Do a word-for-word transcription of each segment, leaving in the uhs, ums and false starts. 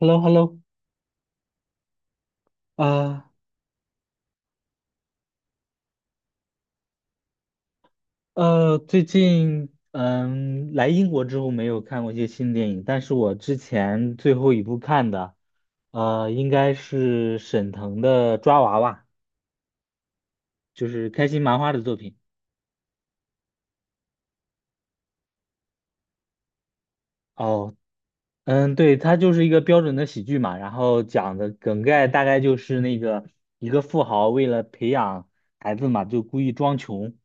Hello，Hello，啊，呃，最近嗯来英国之后没有看过一些新电影，但是我之前最后一部看的，呃，应该是沈腾的《抓娃娃》，就是开心麻花的作品。哦，嗯，对，它就是一个标准的喜剧嘛，然后讲的梗概大概就是那个一个富豪为了培养孩子嘛，就故意装穷，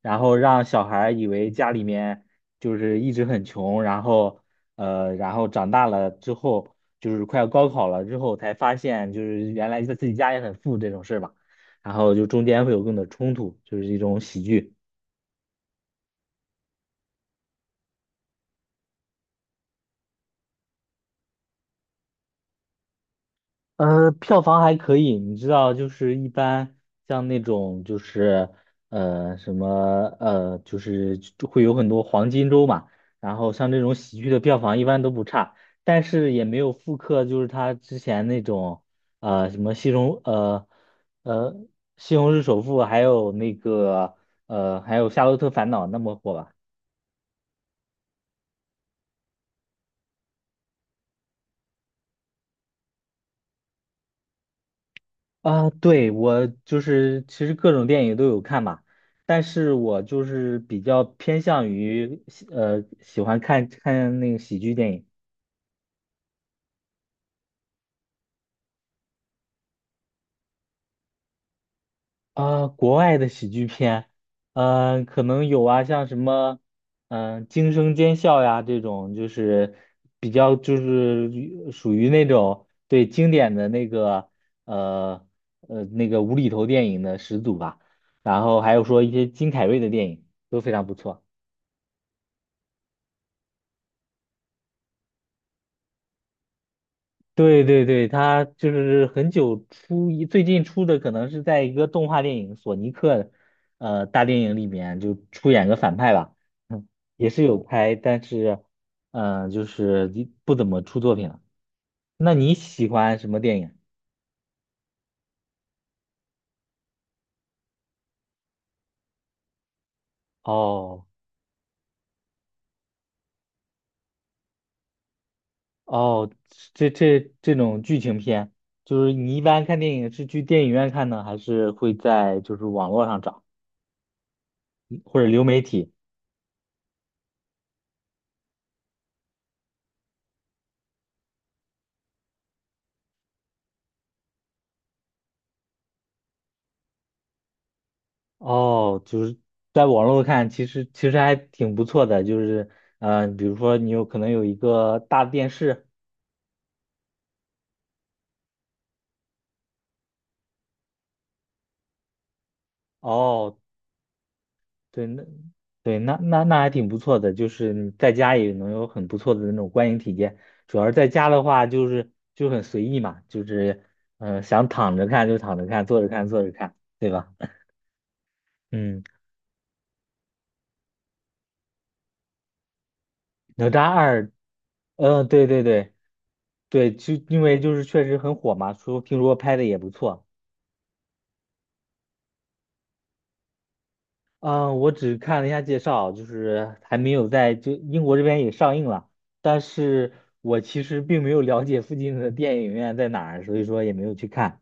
然后让小孩儿以为家里面就是一直很穷，然后呃，然后长大了之后就是快要高考了之后才发现就是原来在自己家也很富这种事儿吧，然后就中间会有更多冲突，就是一种喜剧。呃，票房还可以，你知道，就是一般像那种就是呃什么呃，就是就会有很多黄金周嘛，然后像这种喜剧的票房一般都不差，但是也没有复刻就是他之前那种呃什么西虹呃呃西虹市首富，还有那个呃还有夏洛特烦恼那么火吧。啊，对，我就是其实各种电影都有看嘛，但是我就是比较偏向于喜呃喜欢看看那个喜剧电影啊，国外的喜剧片，嗯、可能有啊，像什么嗯、呃惊声尖笑》呀这种，就是比较就是属于那种对经典的那个呃呃那个无厘头电影的始祖吧，然后还有说一些金凯瑞的电影都非常不错。对对对，他就是很久出一，最近出的可能是在一个动画电影《索尼克》呃大电影里面就出演个反派吧，嗯，也是有拍，但是嗯就是一不怎么出作品了。那你喜欢什么电影？哦哦，这这这种剧情片，就是你一般看电影是去电影院看呢，还是会在就是网络上找或者流媒体？哦，就是在网络看，其实其实还挺不错的，就是嗯、呃比如说你有可能有一个大电视，哦，对，那对那那那还挺不错的，就是你在家也能有很不错的那种观影体验。主要是在家的话，就是就很随意嘛，就是嗯、呃想躺着看就躺着看，坐着看坐着看，对吧？嗯，哪吒二，嗯、对对对对，就因为就是确实很火嘛，说听说拍的也不错。嗯，我只看了一下介绍，就是还没有在就英国这边也上映了，但是我其实并没有了解附近的电影院在哪儿，所以说也没有去看。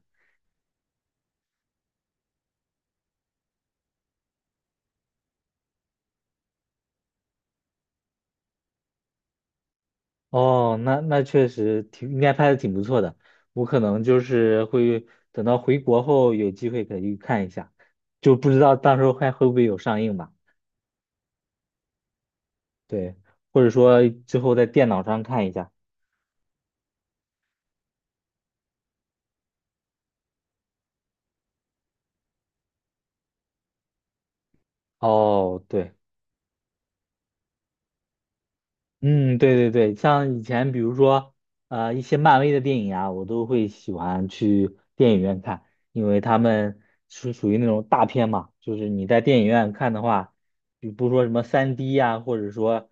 哦，那那确实挺应该拍的挺不错的，我可能就是会等到回国后有机会可以去看一下，就不知道到时候还会不会有上映吧？对，或者说之后在电脑上看一下。哦，对。嗯，对对对，像以前比如说，呃，一些漫威的电影啊，我都会喜欢去电影院看，因为他们是属于那种大片嘛，就是你在电影院看的话，比不说什么三 d 呀、或者说，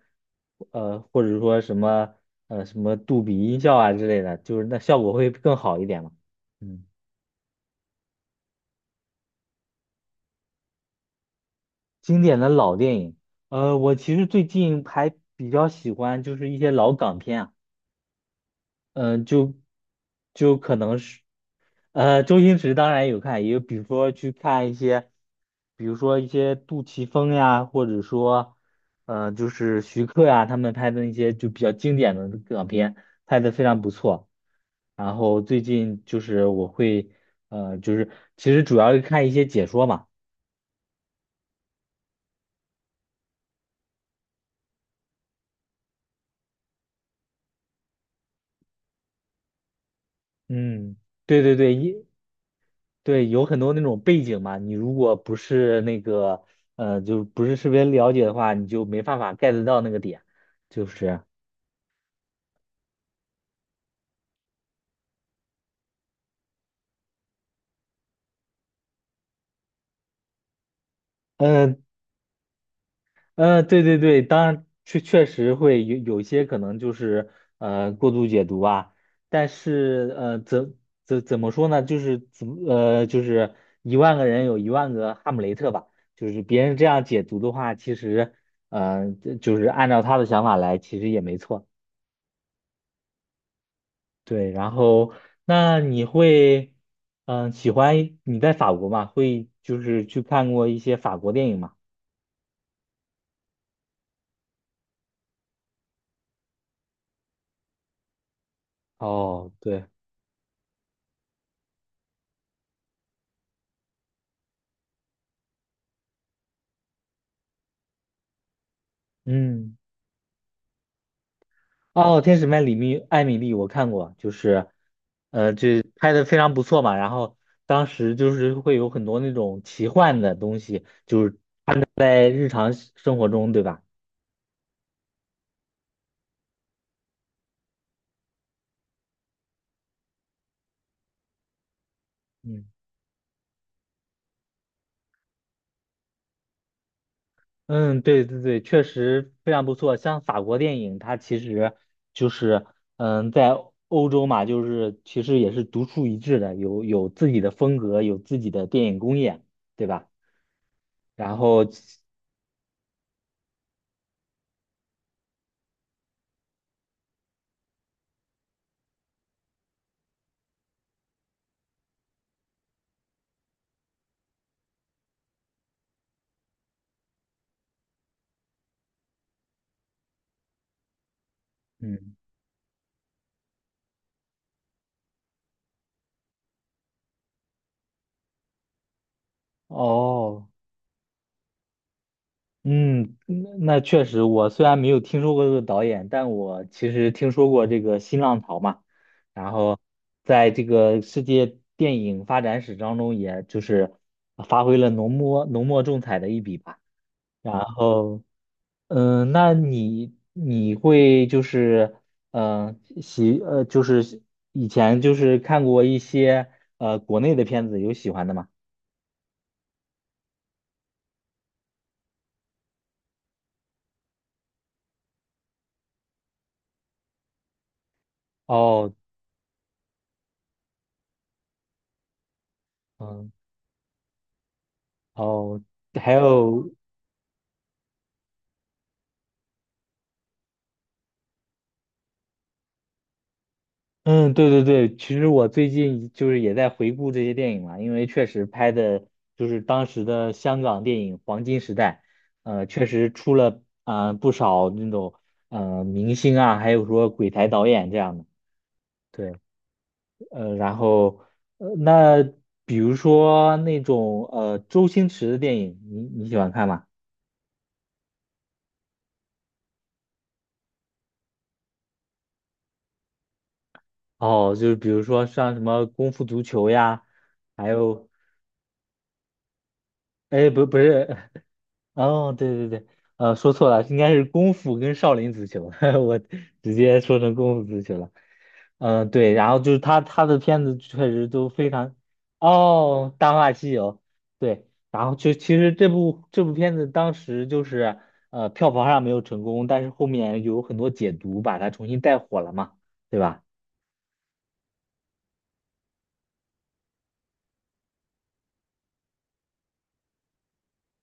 呃，或者说什么呃什么杜比音效啊之类的，就是那效果会更好一点嘛。嗯，经典的老电影，呃，我其实最近还比较喜欢就是一些老港片啊。嗯、就就可能是，呃，周星驰当然有看，也比如说去看一些，比如说一些杜琪峰呀，或者说，呃，就是徐克呀，他们拍的那些就比较经典的港片，拍的非常不错。然后最近就是我会，呃，就是其实主要是看一些解说嘛，嗯，对对对，一。对，有很多那种背景嘛，你如果不是那个，呃，就不是特别了解的话，你就没办法 get 到那个点，就是，嗯、嗯，对对对，当然确确实会有有一些可能就是呃过度解读啊，但是呃怎怎怎么说呢，就是怎么呃就是一万个人有一万个哈姆雷特吧，就是别人这样解读的话，其实呃就是按照他的想法来，其实也没错。对，然后那你会，嗯、喜欢你在法国嘛？会就是去看过一些法国电影嘛？哦，对，嗯，哦，《天使曼里密艾米丽》我看过，就是，呃，这拍的非常不错嘛。然后当时就是会有很多那种奇幻的东西，就是在日常生活中，对吧？嗯。嗯，对对对，确实非常不错。像法国电影，它其实就是，嗯，在欧洲嘛，就是其实也是独树一帜的，有有自己的风格，有自己的电影工业，对吧？然后，嗯，哦。嗯，那那确实，我虽然没有听说过这个导演，但我其实听说过这个新浪潮嘛，然后在这个世界电影发展史当中，也就是发挥了浓墨浓墨重彩的一笔吧。然后，嗯、那你你会就是，嗯、喜呃，就是以前就是看过一些呃国内的片子，有喜欢的吗？哦，嗯，哦，还有。嗯，对对对，其实我最近就是也在回顾这些电影嘛，因为确实拍的就是当时的香港电影黄金时代，呃，确实出了啊不少那种呃明星啊，还有说鬼才导演这样的，对，呃，然后呃那比如说那种呃周星驰的电影，你你喜欢看吗？哦，就是比如说像什么《功夫足球》呀，还有哎，不，不是 哦，对对对，呃，说错了，应该是功夫跟少林足球，我直接说成功夫足球了。嗯、对，然后就是他他的片子确实都非常，哦，《大话西游》对，然后就其实这部这部片子当时就是呃票房上没有成功，但是后面有很多解读把它重新带火了嘛，对吧？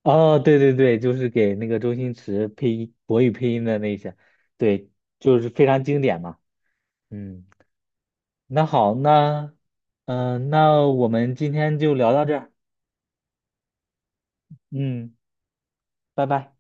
哦，对对对，就是给那个周星驰配音国语配音的那些，对，就是非常经典嘛，嗯。那好，那嗯、呃那我们今天就聊到这儿，嗯，拜拜。